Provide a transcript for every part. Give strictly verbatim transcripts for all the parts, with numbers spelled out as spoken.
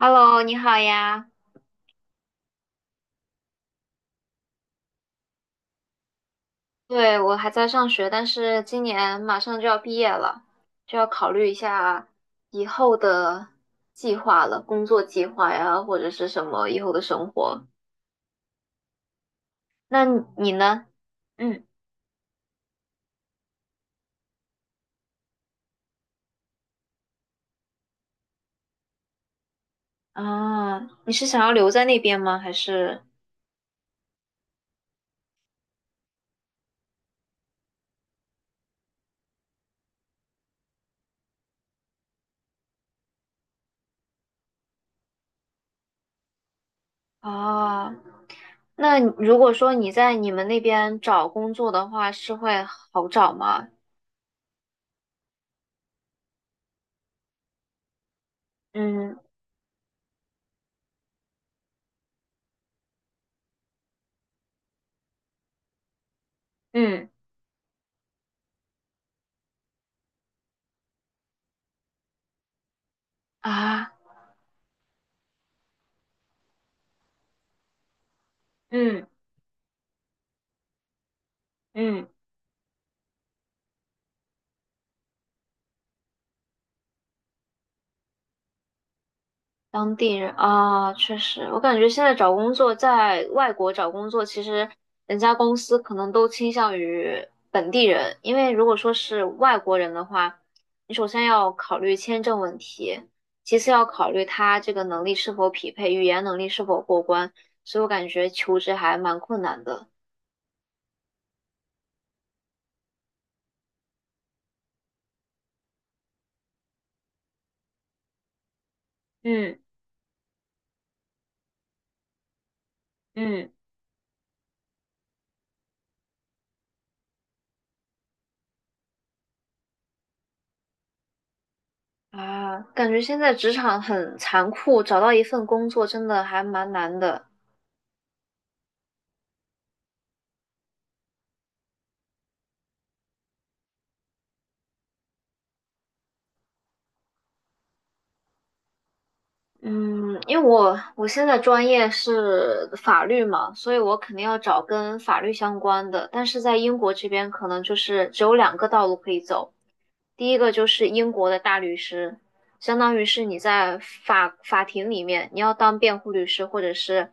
Hello，你好呀。对，我还在上学，但是今年马上就要毕业了，就要考虑一下以后的计划了，工作计划呀，或者是什么以后的生活。那你呢？嗯，啊，你是想要留在那边吗？还是啊？那如果说你在你们那边找工作的话，是会好找吗？嗯嗯啊嗯嗯。当地人啊，确实，我感觉现在找工作，在外国找工作，其实人家公司可能都倾向于本地人，因为如果说是外国人的话，你首先要考虑签证问题，其次要考虑他这个能力是否匹配，语言能力是否过关，所以我感觉求职还蛮困难的。嗯嗯啊，感觉现在职场很残酷，找到一份工作真的还蛮难的。嗯，因为我我现在专业是法律嘛，所以我肯定要找跟法律相关的。但是在英国这边，可能就是只有两个道路可以走，第一个就是英国的大律师，相当于是你在法法庭里面，你要当辩护律师，或者是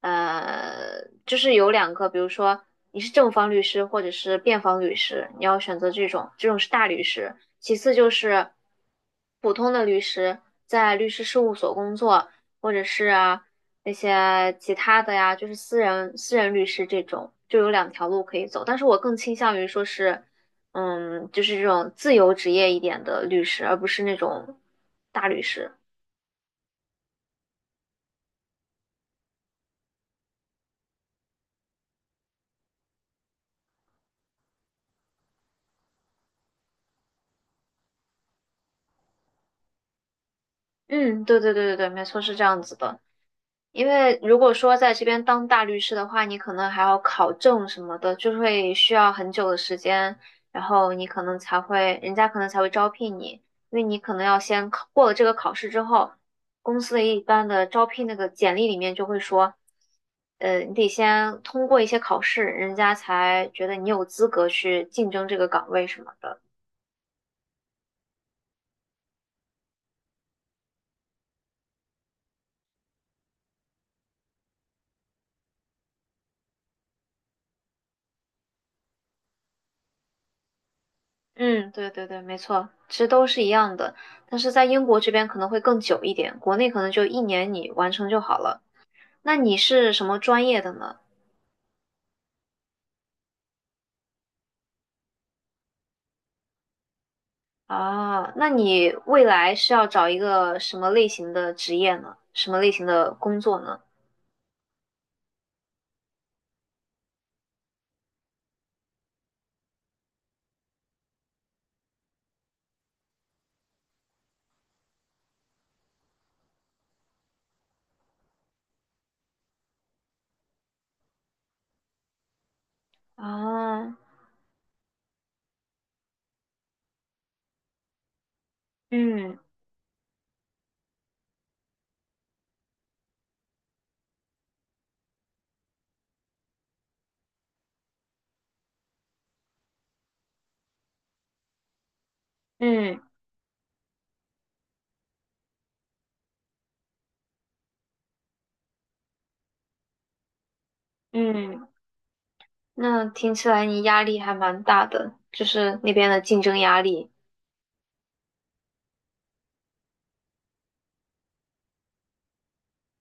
呃，就是有两个，比如说你是正方律师或者是辩方律师，你要选择这种，这种是大律师。其次就是普通的律师，在律师事务所工作，或者是啊那些其他的呀，就是私人私人律师这种，就有两条路可以走。但是我更倾向于说是嗯，就是这种自由职业一点的律师，而不是那种大律师。嗯，对对对对对，没错，是这样子的。因为如果说在这边当大律师的话，你可能还要考证什么的，就会需要很久的时间，然后你可能才会，人家可能才会招聘你，因为你可能要先考过了这个考试之后，公司的一般的招聘那个简历里面就会说，呃，你得先通过一些考试，人家才觉得你有资格去竞争这个岗位什么的。嗯，对对对，没错，其实都是一样的，但是在英国这边可能会更久一点，国内可能就一年你完成就好了。那你是什么专业的呢？啊，那你未来是要找一个什么类型的职业呢？什么类型的工作呢？啊，嗯嗯嗯，那听起来你压力还蛮大的，就是那边的竞争压力。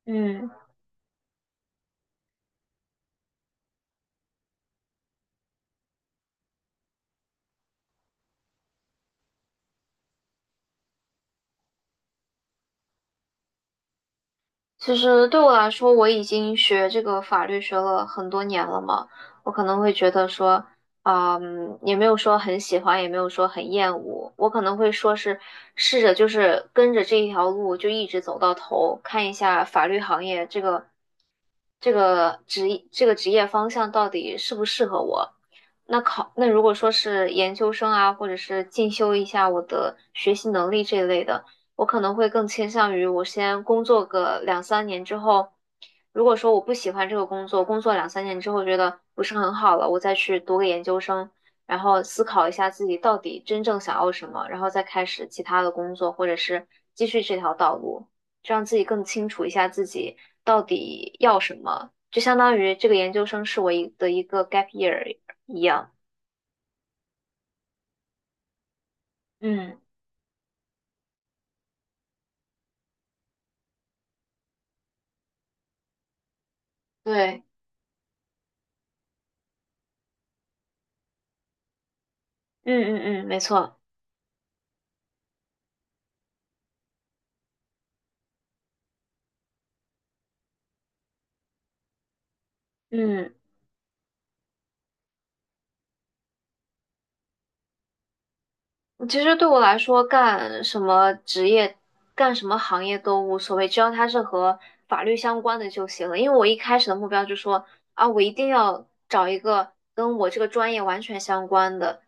嗯。其实对我来说，我已经学这个法律学了很多年了嘛，我可能会觉得说，啊嗯，也没有说很喜欢，也没有说很厌恶，我可能会说是试着就是跟着这一条路就一直走到头，看一下法律行业这个这个职这个职业方向到底适不适合我。那考，那如果说是研究生啊，或者是进修一下我的学习能力这一类的。我可能会更倾向于我先工作个两三年之后，如果说我不喜欢这个工作，工作两三年之后觉得不是很好了，我再去读个研究生，然后思考一下自己到底真正想要什么，然后再开始其他的工作，或者是继续这条道路，这样自己更清楚一下自己到底要什么，就相当于这个研究生是我一的一个 gap year 一样。嗯，对，嗯嗯嗯，没错，嗯。其实对我来说，干什么职业、干什么行业都无所谓，只要它是和法律相关的就行了。因为我一开始的目标就说啊，我一定要找一个跟我这个专业完全相关的。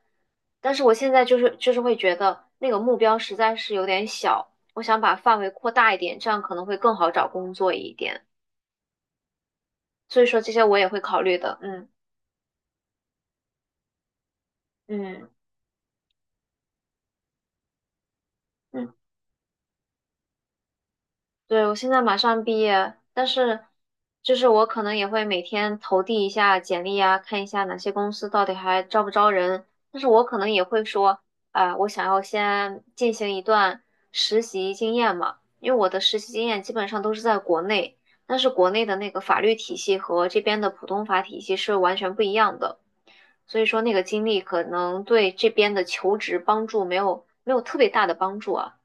但是我现在就是就是会觉得那个目标实在是有点小，我想把范围扩大一点，这样可能会更好找工作一点。所以说这些我也会考虑的。嗯嗯。嗯。对，我现在马上毕业，但是就是我可能也会每天投递一下简历啊，看一下哪些公司到底还招不招人。但是我可能也会说，啊、我想要先进行一段实习经验嘛，因为我的实习经验基本上都是在国内，但是国内的那个法律体系和这边的普通法体系是完全不一样的，所以说那个经历可能对这边的求职帮助没有没有特别大的帮助啊。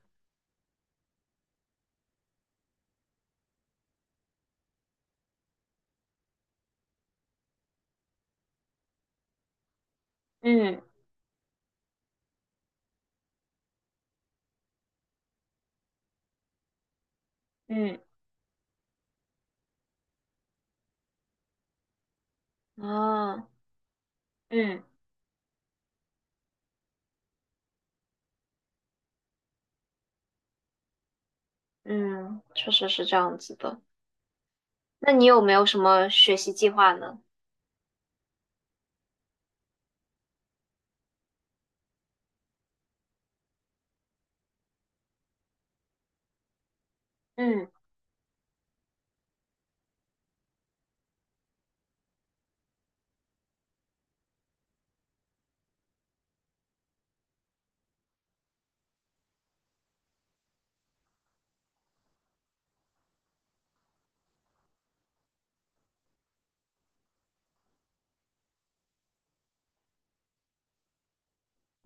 嗯嗯啊。嗯嗯，确实是这样子的。那你有没有什么学习计划呢？嗯，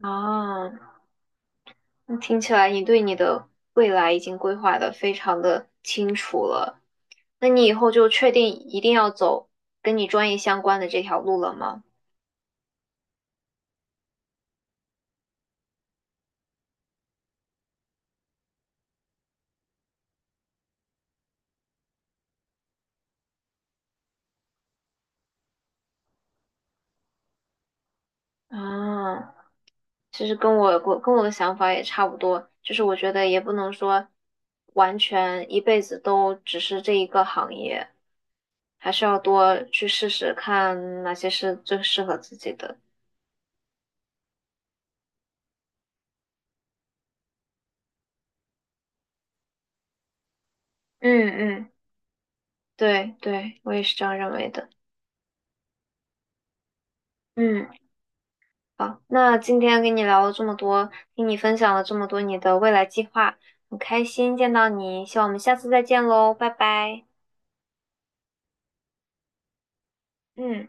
啊，那听起来你对你的未来已经规划的非常的清楚了。那你以后就确定一定要走跟你专业相关的这条路了吗？啊，其实跟我我跟我的想法也差不多，就是我觉得也不能说完全一辈子都只是这一个行业，还是要多去试试看哪些是最适合自己的。嗯嗯。对对，我也是这样认为的。嗯，好，那今天跟你聊了这么多，听你分享了这么多你的未来计划，很开心见到你，希望我们下次再见喽，拜拜。嗯。